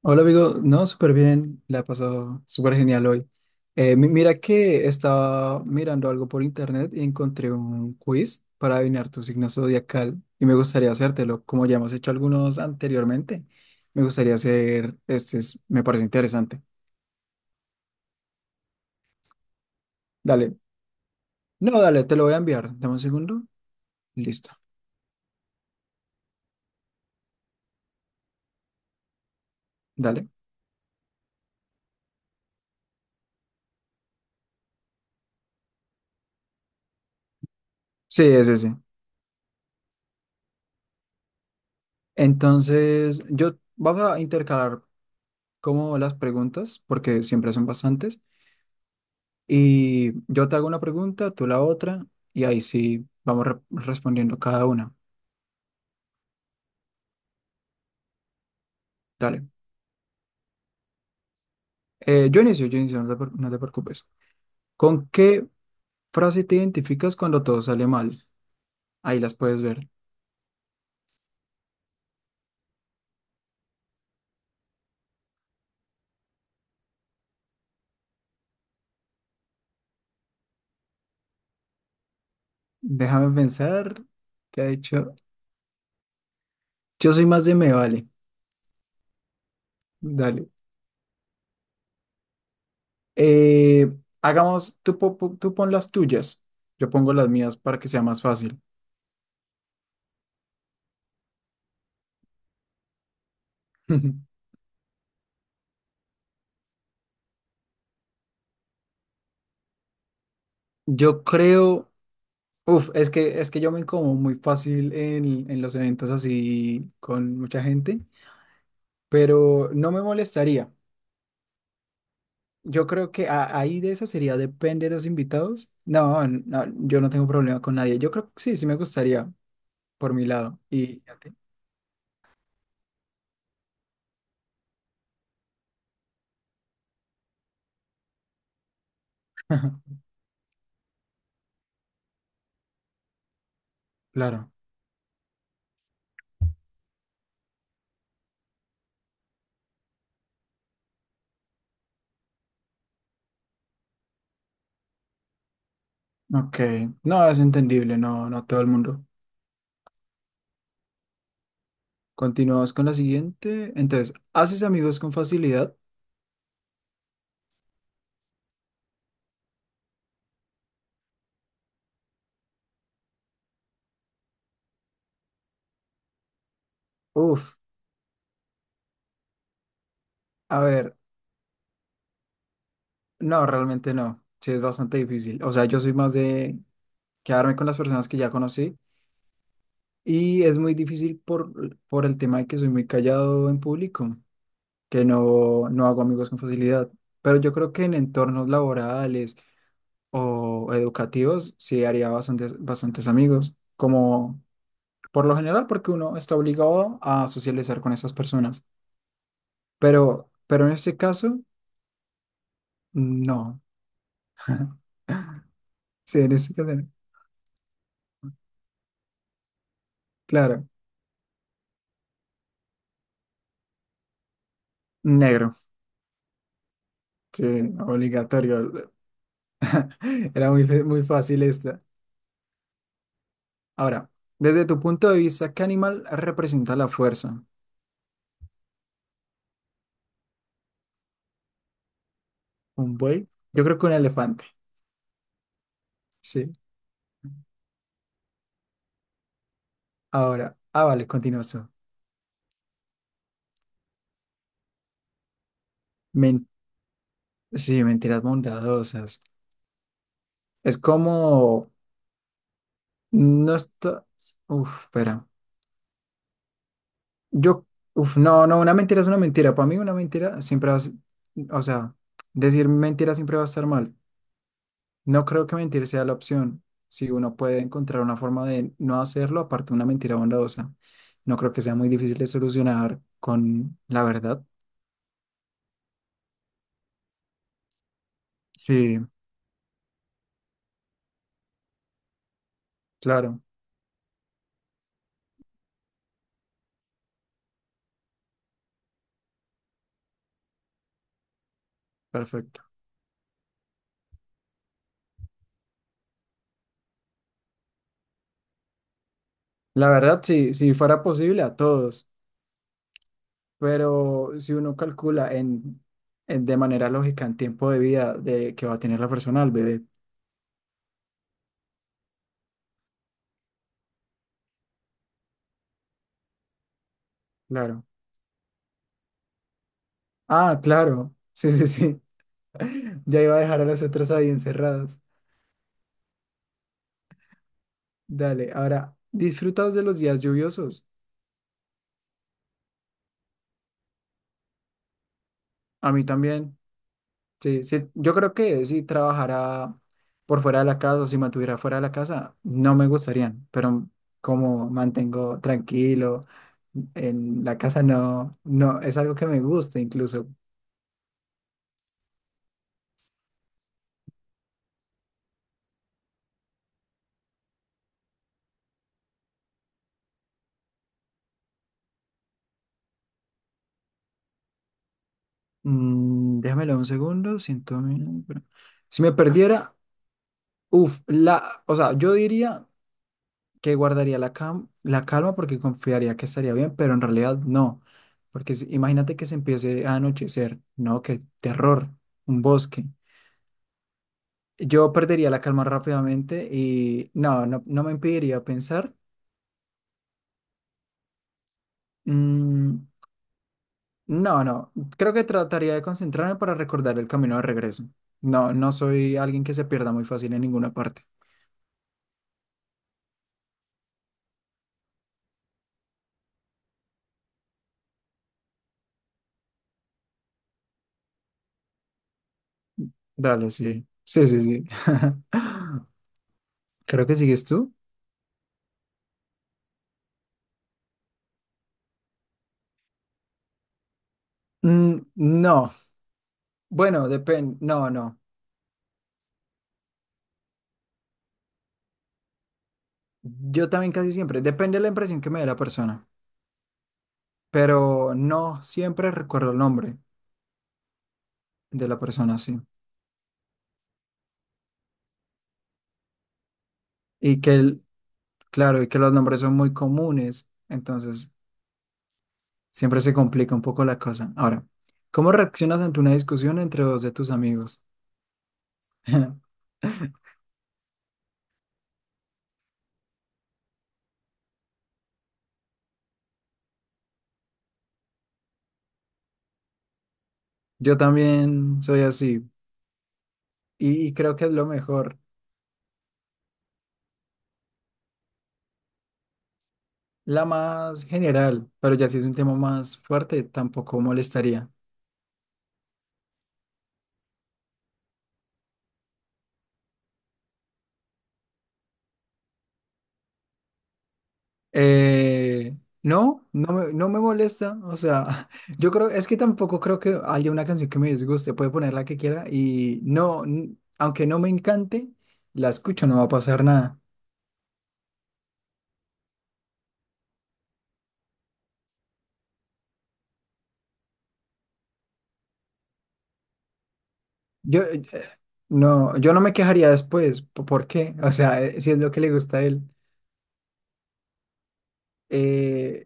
Hola amigo, no, súper bien, la he pasado súper genial hoy. Mira que estaba mirando algo por internet y encontré un quiz para adivinar tu signo zodiacal y me gustaría hacértelo, como ya hemos hecho algunos anteriormente. Me gustaría hacer, me parece interesante. Dale, no, dale, te lo voy a enviar. Dame un segundo, listo, dale. Sí, es ese. Entonces, yo vamos a intercalar como las preguntas, porque siempre son bastantes. Y yo te hago una pregunta, tú la otra, y ahí sí vamos respondiendo cada una. Dale. Yo inicio, yo inicio, no te preocupes. ¿Con qué frase te identificas cuando todo sale mal? Ahí las puedes ver. Déjame pensar. ¿Qué ha hecho? Yo soy más de me vale. Dale. Eh, Hagamos, tú pon las tuyas. Yo pongo las mías para que sea más fácil. Yo creo. Uf, es que yo me incomodo muy fácil en los eventos así con mucha gente, pero no me molestaría. Yo creo que ahí de esa sería depende de los invitados. No, no, yo no tengo problema con nadie. Yo creo que sí, sí me gustaría por mi lado. ¿Y a ti? Claro. Ok. No, es entendible, no, no todo el mundo. Continuamos con la siguiente. Entonces, ¿haces amigos con facilidad? Uf, a ver, no, realmente no. Sí, es bastante difícil. O sea, yo soy más de quedarme con las personas que ya conocí y es muy difícil por el tema de que soy muy callado en público, que no, no hago amigos con facilidad. Pero yo creo que en entornos laborales o educativos sí haría bastantes, bastantes amigos, como por lo general porque uno está obligado a socializar con esas personas. Pero en este caso, no. Sí, en este caso, claro, negro. Sí, obligatorio. Era muy, muy fácil esta. Ahora, desde tu punto de vista, ¿qué animal representa la fuerza? ¿Un buey? Yo creo que un elefante. Sí. Ahora, ah, vale, continúas. Men- sí, mentiras bondadosas. Es como, no está, uf, espera. Yo, uf, no, no, una mentira es una mentira. Para mí una mentira siempre va a, o sea, decir mentira siempre va a estar mal. No creo que mentir sea la opción. Si uno puede encontrar una forma de no hacerlo, aparte de una mentira bondadosa, no creo que sea muy difícil de solucionar con la verdad. Sí, claro, perfecto. La verdad, sí, si fuera posible a todos, pero si uno calcula de manera lógica en tiempo de vida de que va a tener la persona, el bebé, claro. Ah, claro, sí, sí, sí. Ya iba a dejar a las otras ahí encerradas. Dale, ahora, disfrutas de los días lluviosos. A mí también. Sí, sí, yo creo que si trabajara por fuera de la casa o si mantuviera fuera de la casa, no me gustarían, pero como mantengo tranquilo en la casa, no, no, es algo que me gusta incluso. Mm, déjamelo un segundo, siento... Si me perdiera, uff, o sea, yo diría que guardaría la, la calma porque confiaría que estaría bien, pero en realidad no, porque imagínate que se empiece a anochecer, no, qué terror, un bosque. Yo perdería la calma rápidamente y no, no, no me impediría pensar. Mm, no, no, creo que trataría de concentrarme para recordar el camino de regreso. No, no soy alguien que se pierda muy fácil en ninguna parte. Dale, sí. Sí, sí, sí. Creo que sigues tú. Mm, no, bueno, depende. No, no. Yo también casi siempre. Depende de la impresión que me dé la persona, pero no siempre recuerdo el nombre de la persona, sí. Y que el- Claro, y que los nombres son muy comunes, entonces siempre se complica un poco la cosa. Ahora, ¿cómo reaccionas ante una discusión entre dos de tus amigos? Yo también soy así y creo que es lo mejor, la más general, pero ya si es un tema más fuerte, tampoco molestaría. Eh, no, no me molesta. O sea, yo creo, es que tampoco creo que haya una canción que me disguste. Puede poner la que quiera y no, aunque no me encante, la escucho, no va a pasar nada. Yo, eh, no, yo no me quejaría después. ¿Por qué? O sea, si es lo que le gusta a él. Eh,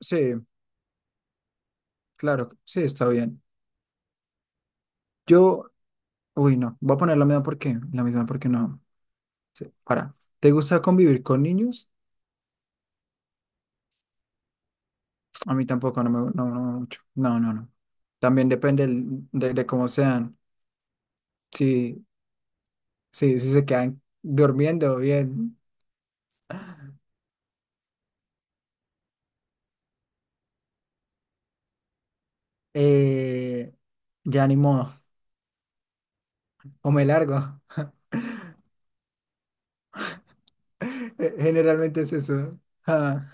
sí, claro, sí, está bien. Yo, uy, no, voy a poner la misma porque no. Sí, para. ¿Te gusta convivir con niños? A mí tampoco, no, no no mucho. No, no, no. También depende de cómo sean. Si, si se quedan durmiendo bien, eh, ya ni modo. O me largo. Generalmente es eso. Ah.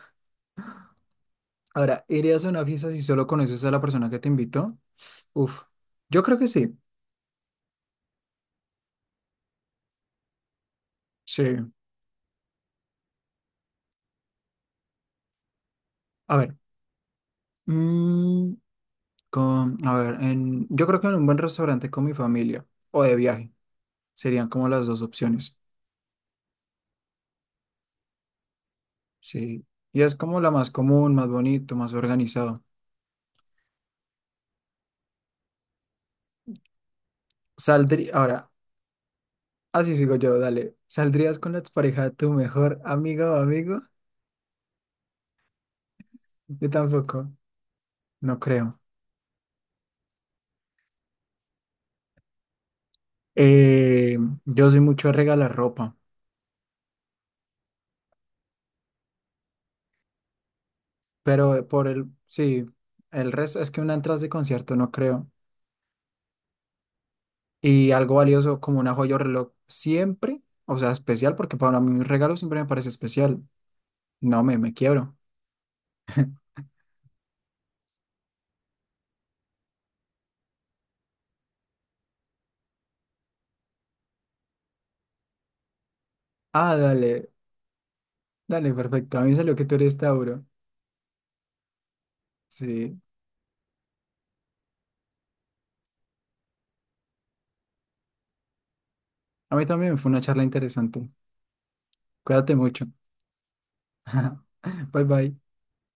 Ahora, ¿irías a una fiesta si solo conoces a la persona que te invitó? Uf, yo creo que sí. Sí. A ver, mm, a ver, en, yo creo que en un buen restaurante con mi familia o de viaje serían como las dos opciones. Sí, y es como la más común, más bonito, más organizado. Saldría, ahora, así sigo yo, dale. ¿Saldrías con la expareja de tu mejor amiga o amigo? Yo tampoco, no creo. Eh, yo soy mucho de regalar ropa, pero sí, el resto es que una entrada de concierto no creo. Y algo valioso como una joya o reloj, siempre, o sea, especial, porque para mí un regalo siempre me parece especial. No me, Me quiebro. Ah, dale, dale, perfecto. A mí me salió que tú eres Tauro. Sí. A mí también fue una charla interesante. Cuídate mucho. Bye bye.